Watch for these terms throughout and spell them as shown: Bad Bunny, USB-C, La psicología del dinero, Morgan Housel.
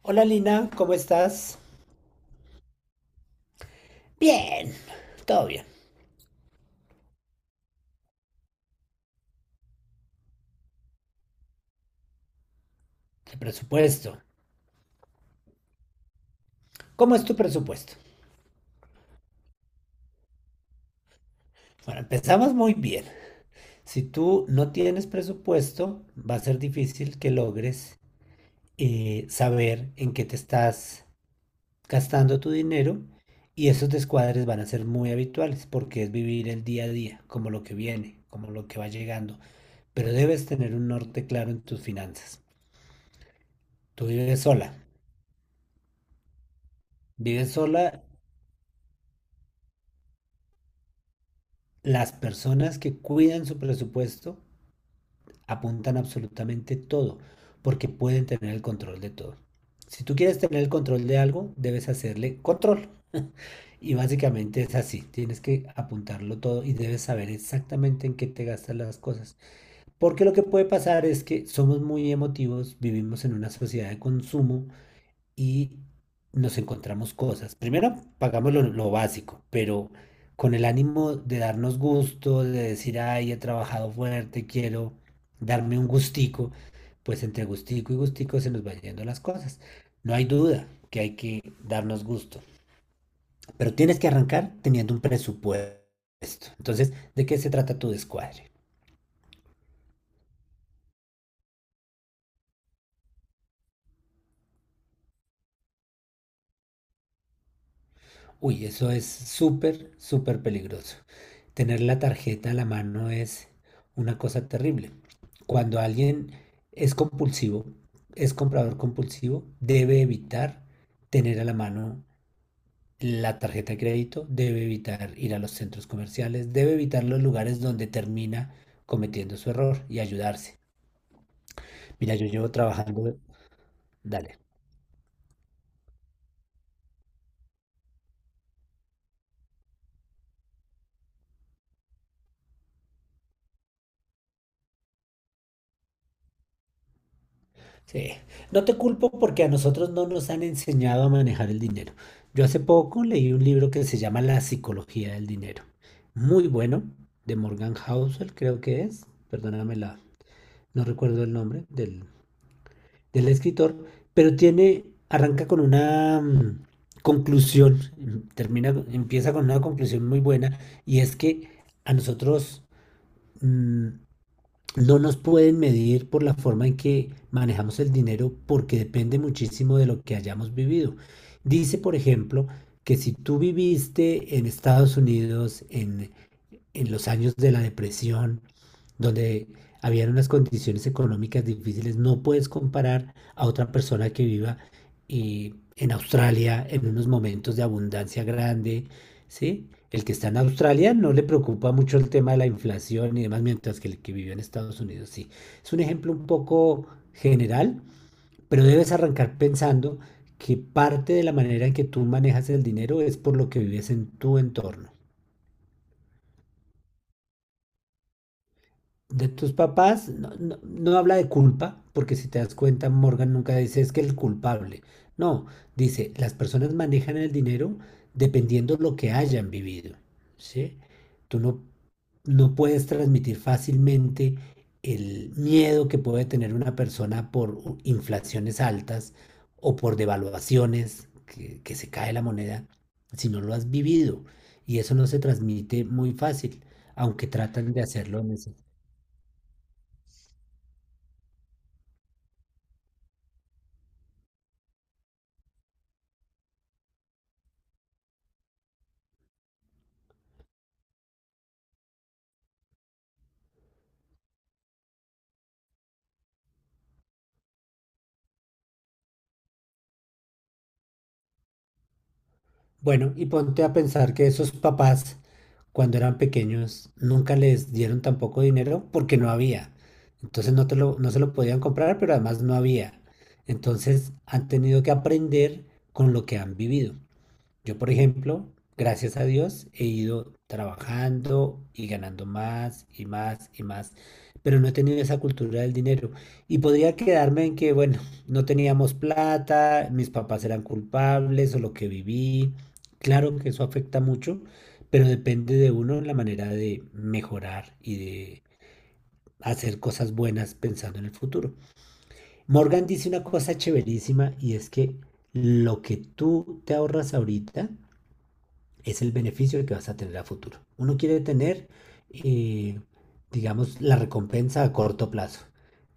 Hola Lina, ¿cómo estás? Bien, todo bien. El presupuesto. ¿Cómo es tu presupuesto? Bueno, empezamos muy bien. Si tú no tienes presupuesto, va a ser difícil que logres saber en qué te estás gastando tu dinero y esos descuadres van a ser muy habituales porque es vivir el día a día, como lo que viene, como lo que va llegando. Pero debes tener un norte claro en tus finanzas. Tú vives sola. Vives sola. Las personas que cuidan su presupuesto apuntan absolutamente todo, porque pueden tener el control de todo. Si tú quieres tener el control de algo, debes hacerle control. Y básicamente es así, tienes que apuntarlo todo y debes saber exactamente en qué te gastas las cosas. Porque lo que puede pasar es que somos muy emotivos, vivimos en una sociedad de consumo y nos encontramos cosas. Primero pagamos lo básico, pero con el ánimo de darnos gusto, de decir, ay, he trabajado fuerte, quiero darme un gustico, pues entre gustico y gustico se nos van yendo las cosas. No hay duda que hay que darnos gusto, pero tienes que arrancar teniendo un presupuesto. Entonces, ¿de qué se trata tu descuadre? Uy, eso es súper, súper peligroso. Tener la tarjeta a la mano es una cosa terrible. Cuando alguien es compulsivo, es comprador compulsivo, debe evitar tener a la mano la tarjeta de crédito, debe evitar ir a los centros comerciales, debe evitar los lugares donde termina cometiendo su error y ayudarse. Mira, yo llevo trabajando, dale. Sí, no te culpo porque a nosotros no nos han enseñado a manejar el dinero. Yo hace poco leí un libro que se llama La psicología del dinero. Muy bueno, de Morgan Housel, creo que es. Perdóname no recuerdo el nombre del escritor, pero tiene, arranca con una conclusión, termina, empieza con una conclusión muy buena, y es que a nosotros mm, no nos pueden medir por la forma en que manejamos el dinero porque depende muchísimo de lo que hayamos vivido. Dice, por ejemplo, que si tú viviste en Estados Unidos, en los años de la depresión, donde habían unas condiciones económicas difíciles, no puedes comparar a otra persona que viva en Australia en unos momentos de abundancia grande, ¿sí? El que está en Australia no le preocupa mucho el tema de la inflación y demás, mientras que el que vivió en Estados Unidos sí. Es un ejemplo un poco general, pero debes arrancar pensando que parte de la manera en que tú manejas el dinero es por lo que vives en tu entorno. De tus papás no, no habla de culpa, porque si te das cuenta, Morgan nunca dice es que el culpable. No, dice, las personas manejan el dinero dependiendo lo que hayan vivido, ¿sí? Tú no, no puedes transmitir fácilmente el miedo que puede tener una persona por inflaciones altas o por devaluaciones, que se cae la moneda, si no lo has vivido. Y eso no se transmite muy fácil, aunque tratan de hacerlo en ese. Bueno, y ponte a pensar que esos papás, cuando eran pequeños, nunca les dieron tampoco dinero porque no había. Entonces no te lo, no se lo podían comprar, pero además no había. Entonces han tenido que aprender con lo que han vivido. Yo, por ejemplo, gracias a Dios, he ido trabajando y ganando más y más y más, pero no he tenido esa cultura del dinero. Y podría quedarme en que, bueno, no teníamos plata, mis papás eran culpables o lo que viví. Claro que eso afecta mucho, pero depende de uno la manera de mejorar y de hacer cosas buenas pensando en el futuro. Morgan dice una cosa chéverísima y es que lo que tú te ahorras ahorita, es el beneficio que vas a tener a futuro. Uno quiere tener, eh, digamos, la recompensa a corto plazo.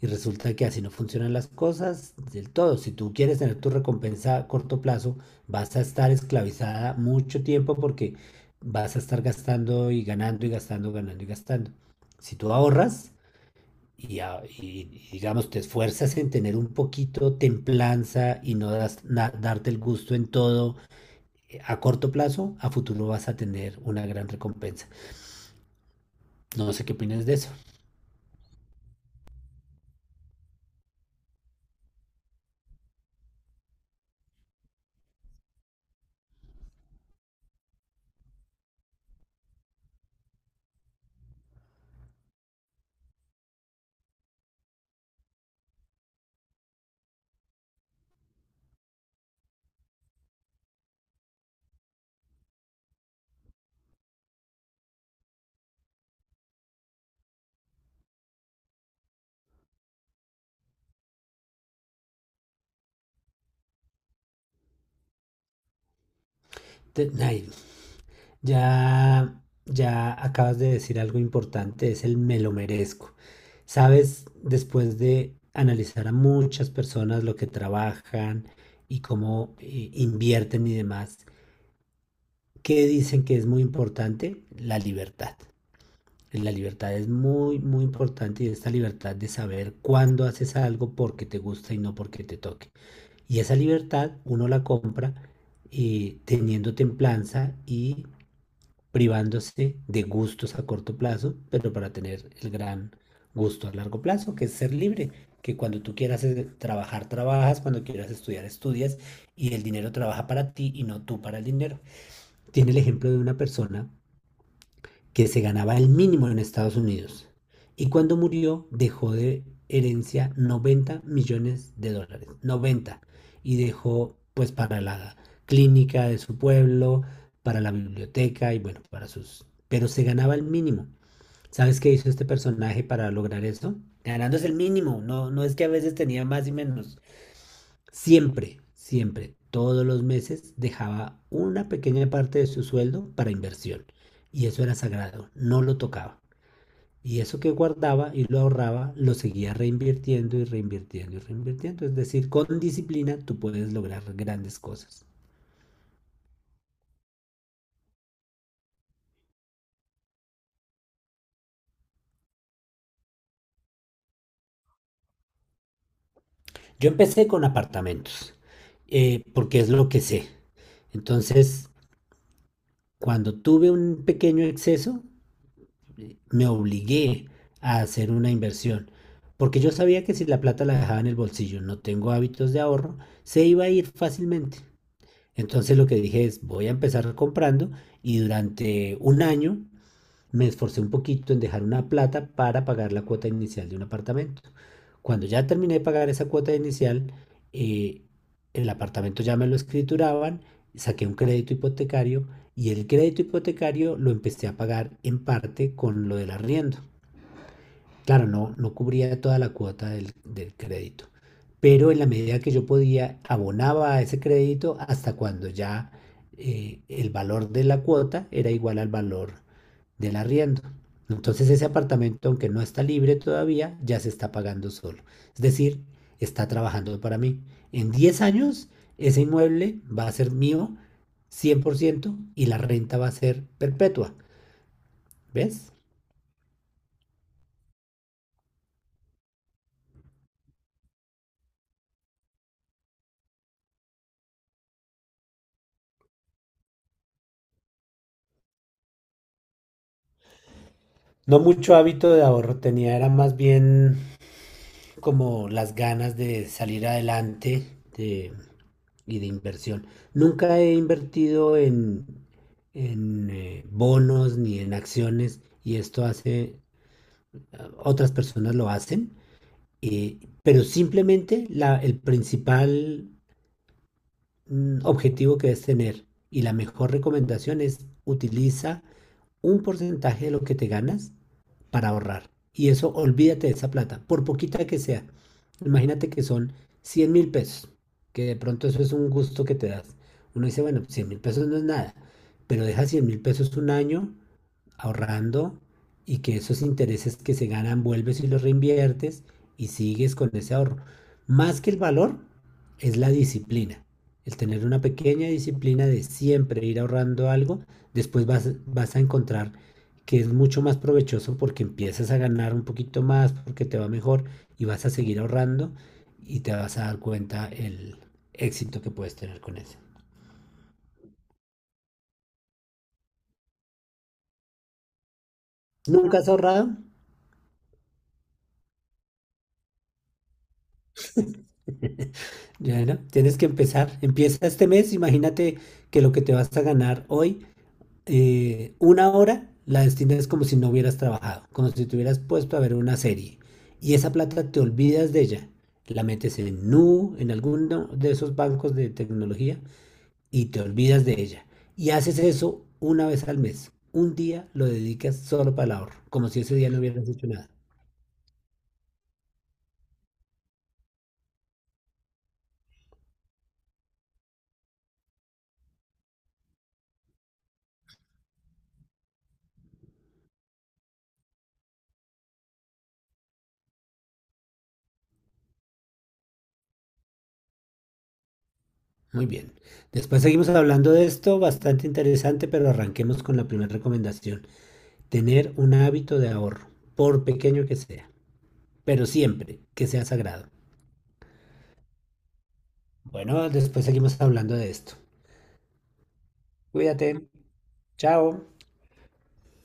Y resulta que así no funcionan las cosas del todo. Si tú quieres tener tu recompensa a corto plazo, vas a estar esclavizada mucho tiempo porque vas a estar gastando y ganando y gastando, ganando y gastando. Si tú ahorras y, digamos, te esfuerzas en tener un poquito templanza y no das- na- darte el gusto en todo a corto plazo, a futuro vas a tener una gran recompensa. No sé qué opinas de eso. Te- Nail, ya acabas de decir algo importante, es el me lo merezco. Sabes, después de analizar a muchas personas lo que trabajan y cómo invierten y demás, ¿qué dicen que es muy importante? La libertad. La libertad es muy, muy importante y esta libertad de saber cuándo haces algo porque te gusta y no porque te toque. Y esa libertad uno la compra teniendo templanza y privándose de gustos a corto plazo, pero para tener el gran gusto a largo plazo, que es ser libre, que cuando tú quieras trabajar, trabajas, cuando quieras estudiar, estudias, y el dinero trabaja para ti y no tú para el dinero. Tiene el ejemplo de una persona que se ganaba el mínimo en Estados Unidos. Y cuando murió dejó de herencia 90 millones de dólares, noventa. Y dejó pues para la clínica de su pueblo, para la biblioteca y bueno, para sus... Pero se ganaba el mínimo. ¿Sabes qué hizo este personaje para lograr eso? Ganándose el mínimo, no, no es que a veces tenía más y menos. Siempre, siempre, todos los meses dejaba una pequeña parte de su sueldo para inversión. Y eso era sagrado, no lo tocaba. Y eso que guardaba y lo ahorraba, lo seguía reinvirtiendo y reinvirtiendo y reinvirtiendo. Es decir, con disciplina tú puedes lograr grandes cosas. Yo empecé con apartamentos, porque es lo que sé. Entonces, cuando tuve un pequeño exceso, me obligué a hacer una inversión. Porque yo sabía que si la plata la dejaba en el bolsillo, no tengo hábitos de ahorro, se iba a ir fácilmente. Entonces lo que dije es, voy a empezar comprando y durante un año me esforcé un poquito en dejar una plata para pagar la cuota inicial de un apartamento. Cuando ya terminé de pagar esa cuota inicial, eh, el apartamento ya me lo escrituraban, saqué un crédito hipotecario y el crédito hipotecario lo empecé a pagar en parte con lo del arriendo. Claro, no, no cubría toda la cuota del crédito, pero en la medida que yo podía, abonaba a ese crédito hasta cuando ya el valor de la cuota era igual al valor del arriendo. Entonces ese apartamento, aunque no está libre todavía, ya se está pagando solo. Es decir, está trabajando para mí. En 10 años, ese inmueble va a ser mío 100% y la renta va a ser perpetua. ¿Ves? No mucho hábito de ahorro tenía, era más bien como las ganas de salir adelante de- y de inversión. Nunca he invertido en, en bonos ni en acciones y esto hace otras personas lo hacen, pero simplemente el principal objetivo que debes tener y la mejor recomendación es utiliza un porcentaje de lo que te ganas para ahorrar. Y eso, olvídate de esa plata, por poquita que sea. Imagínate que son 100.000 pesos, que de pronto eso es un gusto que te das. Uno dice, bueno, 100.000 pesos no es nada, pero deja 100.000 pesos un año ahorrando y que esos intereses que se ganan vuelves y los reinviertes y sigues con ese ahorro. Más que el valor es la disciplina, el tener una pequeña disciplina de siempre ir ahorrando algo, después vas, vas a encontrar que es mucho más provechoso porque empiezas a ganar un poquito más, porque te va mejor y vas a seguir ahorrando y te vas a dar cuenta el éxito que puedes tener con eso. ¿Nunca has ahorrado? Ya, ¿no? Tienes que empezar. Empieza este mes. Imagínate que lo que te vas a ganar hoy, una hora, la destinas como si no hubieras trabajado, como si te hubieras puesto a ver una serie. Y esa plata te olvidas de ella. La metes en Nu, en alguno de esos bancos de tecnología y te olvidas de ella. Y haces eso una vez al mes. Un día lo dedicas solo para el ahorro, como si ese día no hubieras hecho nada. Muy bien. Después seguimos hablando de esto, bastante interesante, pero arranquemos con la primera recomendación. Tener un hábito de ahorro, por pequeño que sea, pero siempre que sea sagrado. Bueno, después seguimos hablando de esto. Cuídate. Chao.